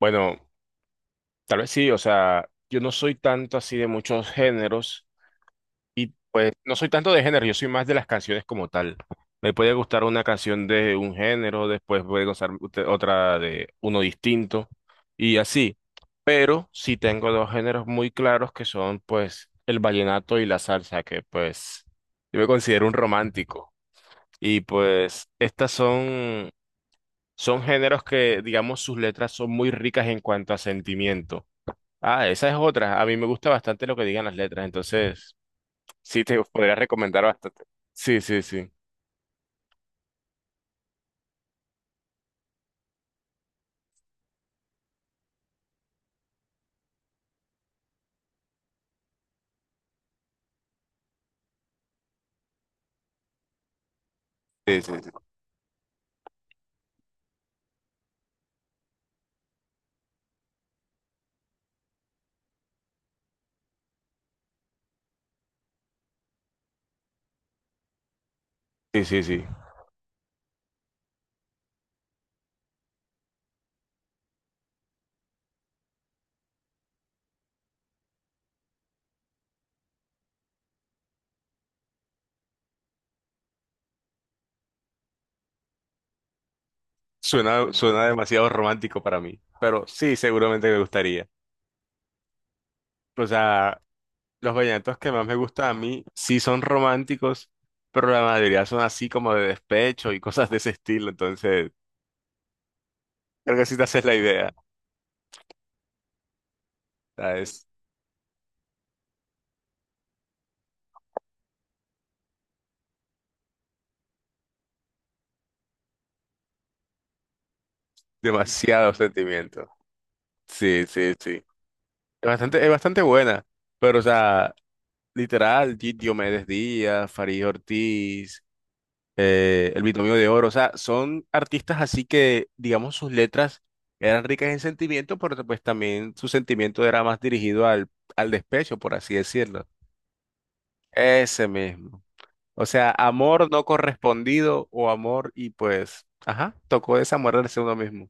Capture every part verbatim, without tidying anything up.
Bueno, tal vez sí, o sea, yo no soy tanto así de muchos géneros y pues no soy tanto de género, yo soy más de las canciones como tal. Me puede gustar una canción de un género, después puede gustar ut- otra de uno distinto y así. Pero sí tengo dos géneros muy claros que son pues el vallenato y la salsa, que pues yo me considero un romántico. Y pues estas son, son géneros que digamos sus letras son muy ricas en cuanto a sentimiento. Ah, esa es otra. A mí me gusta bastante lo que digan las letras, entonces sí te podría recomendar bastante. Sí, sí, sí. Sí, sí, sí. Sí, sí, sí. Suena, suena demasiado romántico para mí, pero sí, seguramente me gustaría. O sea, los vallenatos que más me gustan a mí sí son románticos, pero la mayoría son así como de despecho y cosas de ese estilo, entonces creo que sí te haces la idea. O sea, es demasiado sentimiento. Sí, sí, sí. Es bastante, es bastante buena, pero o sea, literal, Di- Diomedes Díaz, Farid Ortiz, eh, El Binomio de Oro, o sea, son artistas así que, digamos, sus letras eran ricas en sentimiento, pero pues también su sentimiento era más dirigido al, al despecho, por así decirlo. Ese mismo. O sea, amor no correspondido o amor y pues, ajá, tocó desamorarse uno mismo. O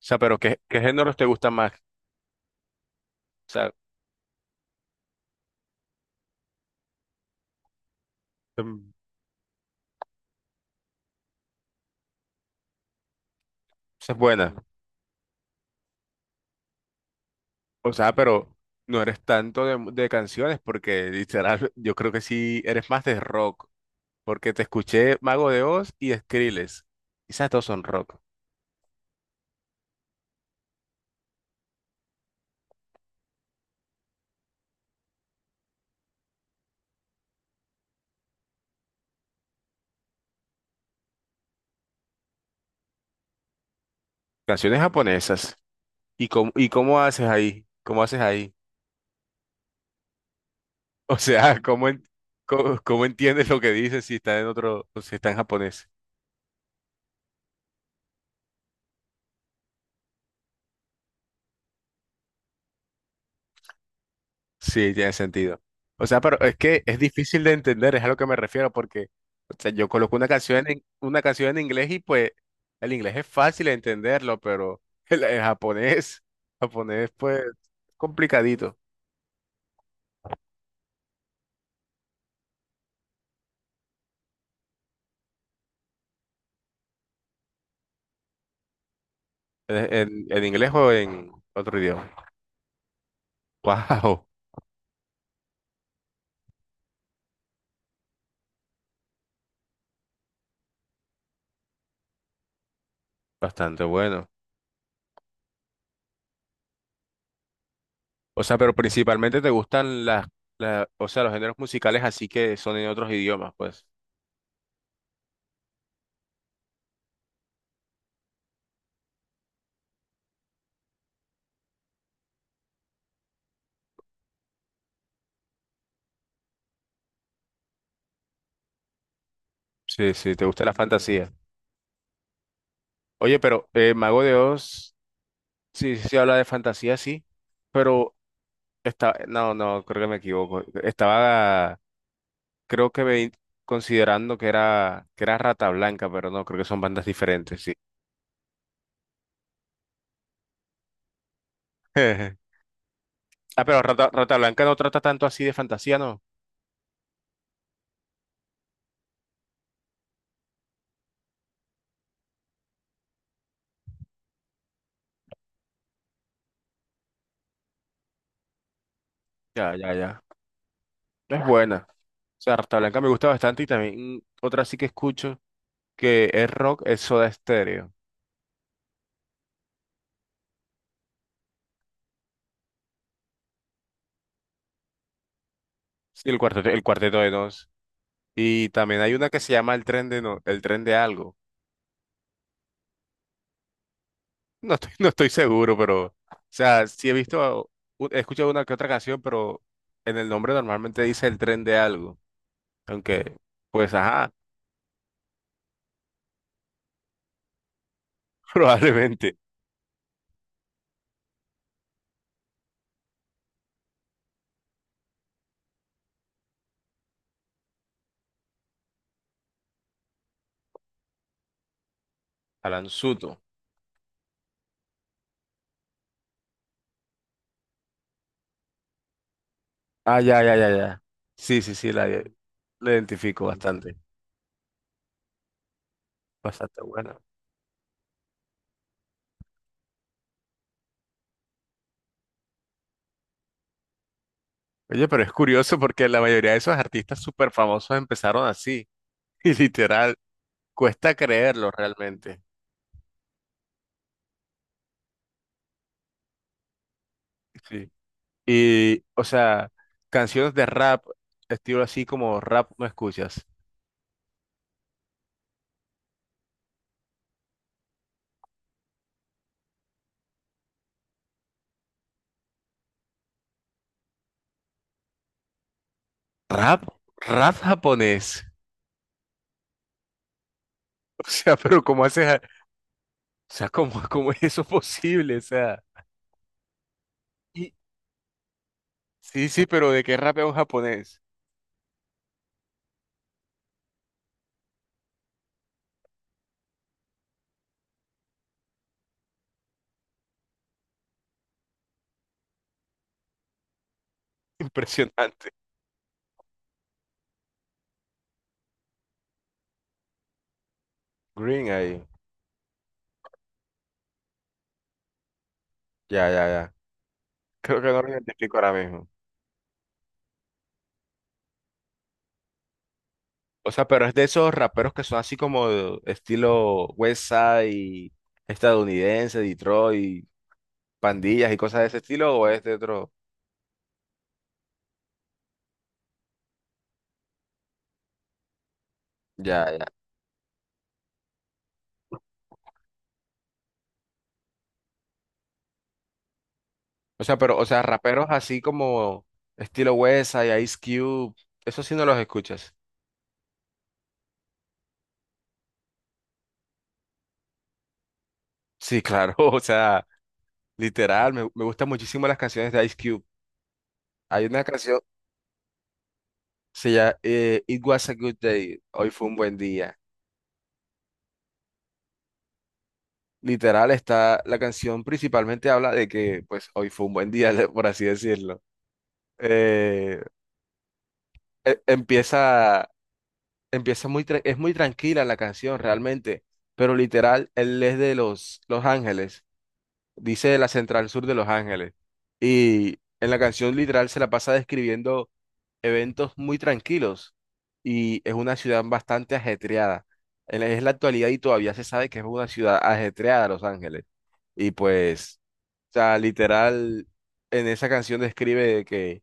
sea, pero ¿qué, qué géneros te gustan más? O sea, em, esa es buena. O sea, pero no eres tanto de, de canciones, porque literal, yo creo que sí eres más de rock, porque te escuché Mago de Oz y Skrillex. Esas dos son rock. Canciones japonesas. ¿Y cómo, y cómo haces ahí? ¿Cómo haces ahí? O sea, ¿cómo, en- ¿cómo, cómo entiendes lo que dices si está en otro, si está en japonés? Sí, tiene sentido. O sea, pero es que es difícil de entender, es a lo que me refiero, porque o sea, yo coloco una canción en, una canción en inglés y pues el inglés es fácil de entenderlo, pero el, el japonés, japonés pues complicadito. En, en- en inglés o en otro idioma. Wow, bastante bueno. O sea, pero principalmente te gustan las, la- o sea, los géneros musicales así que son en otros idiomas, pues. Sí, sí, te gusta la fantasía. Oye, pero eh, Mago de Oz. Sí, sí, sí, habla de fantasía, sí, pero está, no, no, creo que me equivoco. Estaba, creo que ve- considerando que era, que era Rata Blanca, pero no, creo que son bandas diferentes, sí. Ah, pero Rata, Rata Blanca no trata tanto así de fantasía, ¿no? Ya, ya, ya. Es buena. O sea, Rata Blanca me gusta bastante y también mm, otra sí que escucho que es rock, es Soda Stereo. Sí, el cuarteto, el cuarteto de Nos. Y también hay una que se llama El Tren de No, El Tren de Algo. No estoy, no estoy seguro, pero, o sea, sí he visto, u- he escuchado una que otra canción, pero en el nombre normalmente dice el tren de algo. Aunque, pues, ajá, probablemente. Alan Suto. Ah, ya, ya, ya, ya. Sí, sí, sí, la, la identifico bastante. Bastante buena. Oye, pero es curioso porque la mayoría de esos artistas súper famosos empezaron así. Y literal, cuesta creerlo realmente. Sí. Y, o sea, canciones de rap, estilo así como rap, ¿no escuchas? Rap, rap japonés. O sea, pero ¿cómo haces? a- O sea, ¿cómo, cómo es eso posible? O sea, y- sí, sí, pero ¿de qué rap es un japonés? Impresionante. Green ahí. Ya, ya, ya. Creo que no lo identifico ahora mismo. O sea, pero es de esos raperos que son así como de estilo West Side, estadounidense, Detroit, pandillas y cosas de ese estilo, o es de otro. Ya, ya. O sea, pero, o sea, raperos así como estilo West Side, Ice Cube, eso sí no los escuchas. Sí, claro, o sea, literal, me, me gustan muchísimo las canciones de Ice Cube. Hay una canción, se llama eh, It Was a Good Day, hoy fue un buen día. Literal, está, la canción principalmente habla de que, pues, hoy fue un buen día, por así decirlo. Eh, e- empieza, empieza muy, tra- es muy tranquila la canción realmente, pero literal, él es de Los, Los Ángeles, dice de la Central Sur de Los Ángeles. Y en la canción literal se la pasa describiendo eventos muy tranquilos y es una ciudad bastante ajetreada. En la- Es la actualidad y todavía se sabe que es una ciudad ajetreada, Los Ángeles. Y pues, o sea, literal, en esa canción describe que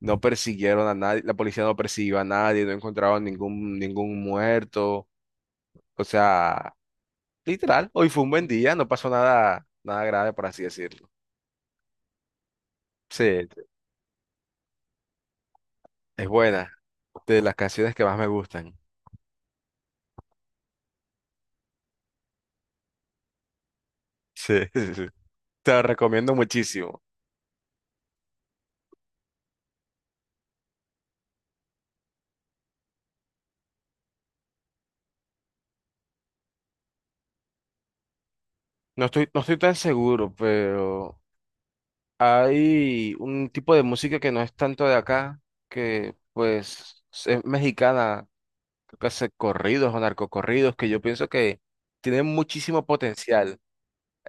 no persiguieron a nadie, la policía no persiguió a nadie, no encontraron ningún, ningún muerto. O sea, literal, hoy fue un buen día, no pasó nada, nada grave, por así decirlo. Sí, es buena, de las canciones que más me gustan. Sí, sí, sí. Te la recomiendo muchísimo. No estoy, no estoy tan seguro, pero hay un tipo de música que no es tanto de acá, que pues es mexicana, creo que hace corridos o narcocorridos, que yo pienso que tienen muchísimo potencial.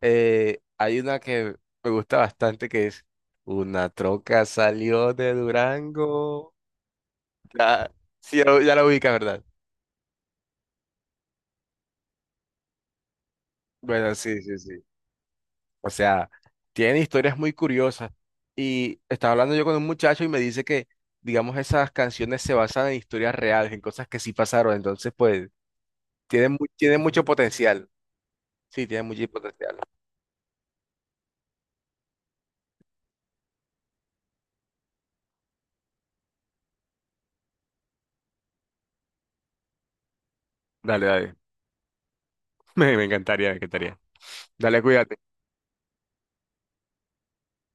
Eh, hay una que me gusta bastante que es Una troca salió de Durango. Ya, sí, ya lo, ya la ubicas, ¿verdad? Bueno, sí, sí, sí. O sea, tienen historias muy curiosas. Y estaba hablando yo con un muchacho y me dice que, digamos, esas canciones se basan en historias reales, en cosas que sí pasaron. Entonces, pues, tienen, mu- tienen mucho potencial. Sí, tienen mucho potencial. Dale, dale. Me, me encantaría, me encantaría. Dale, cuídate.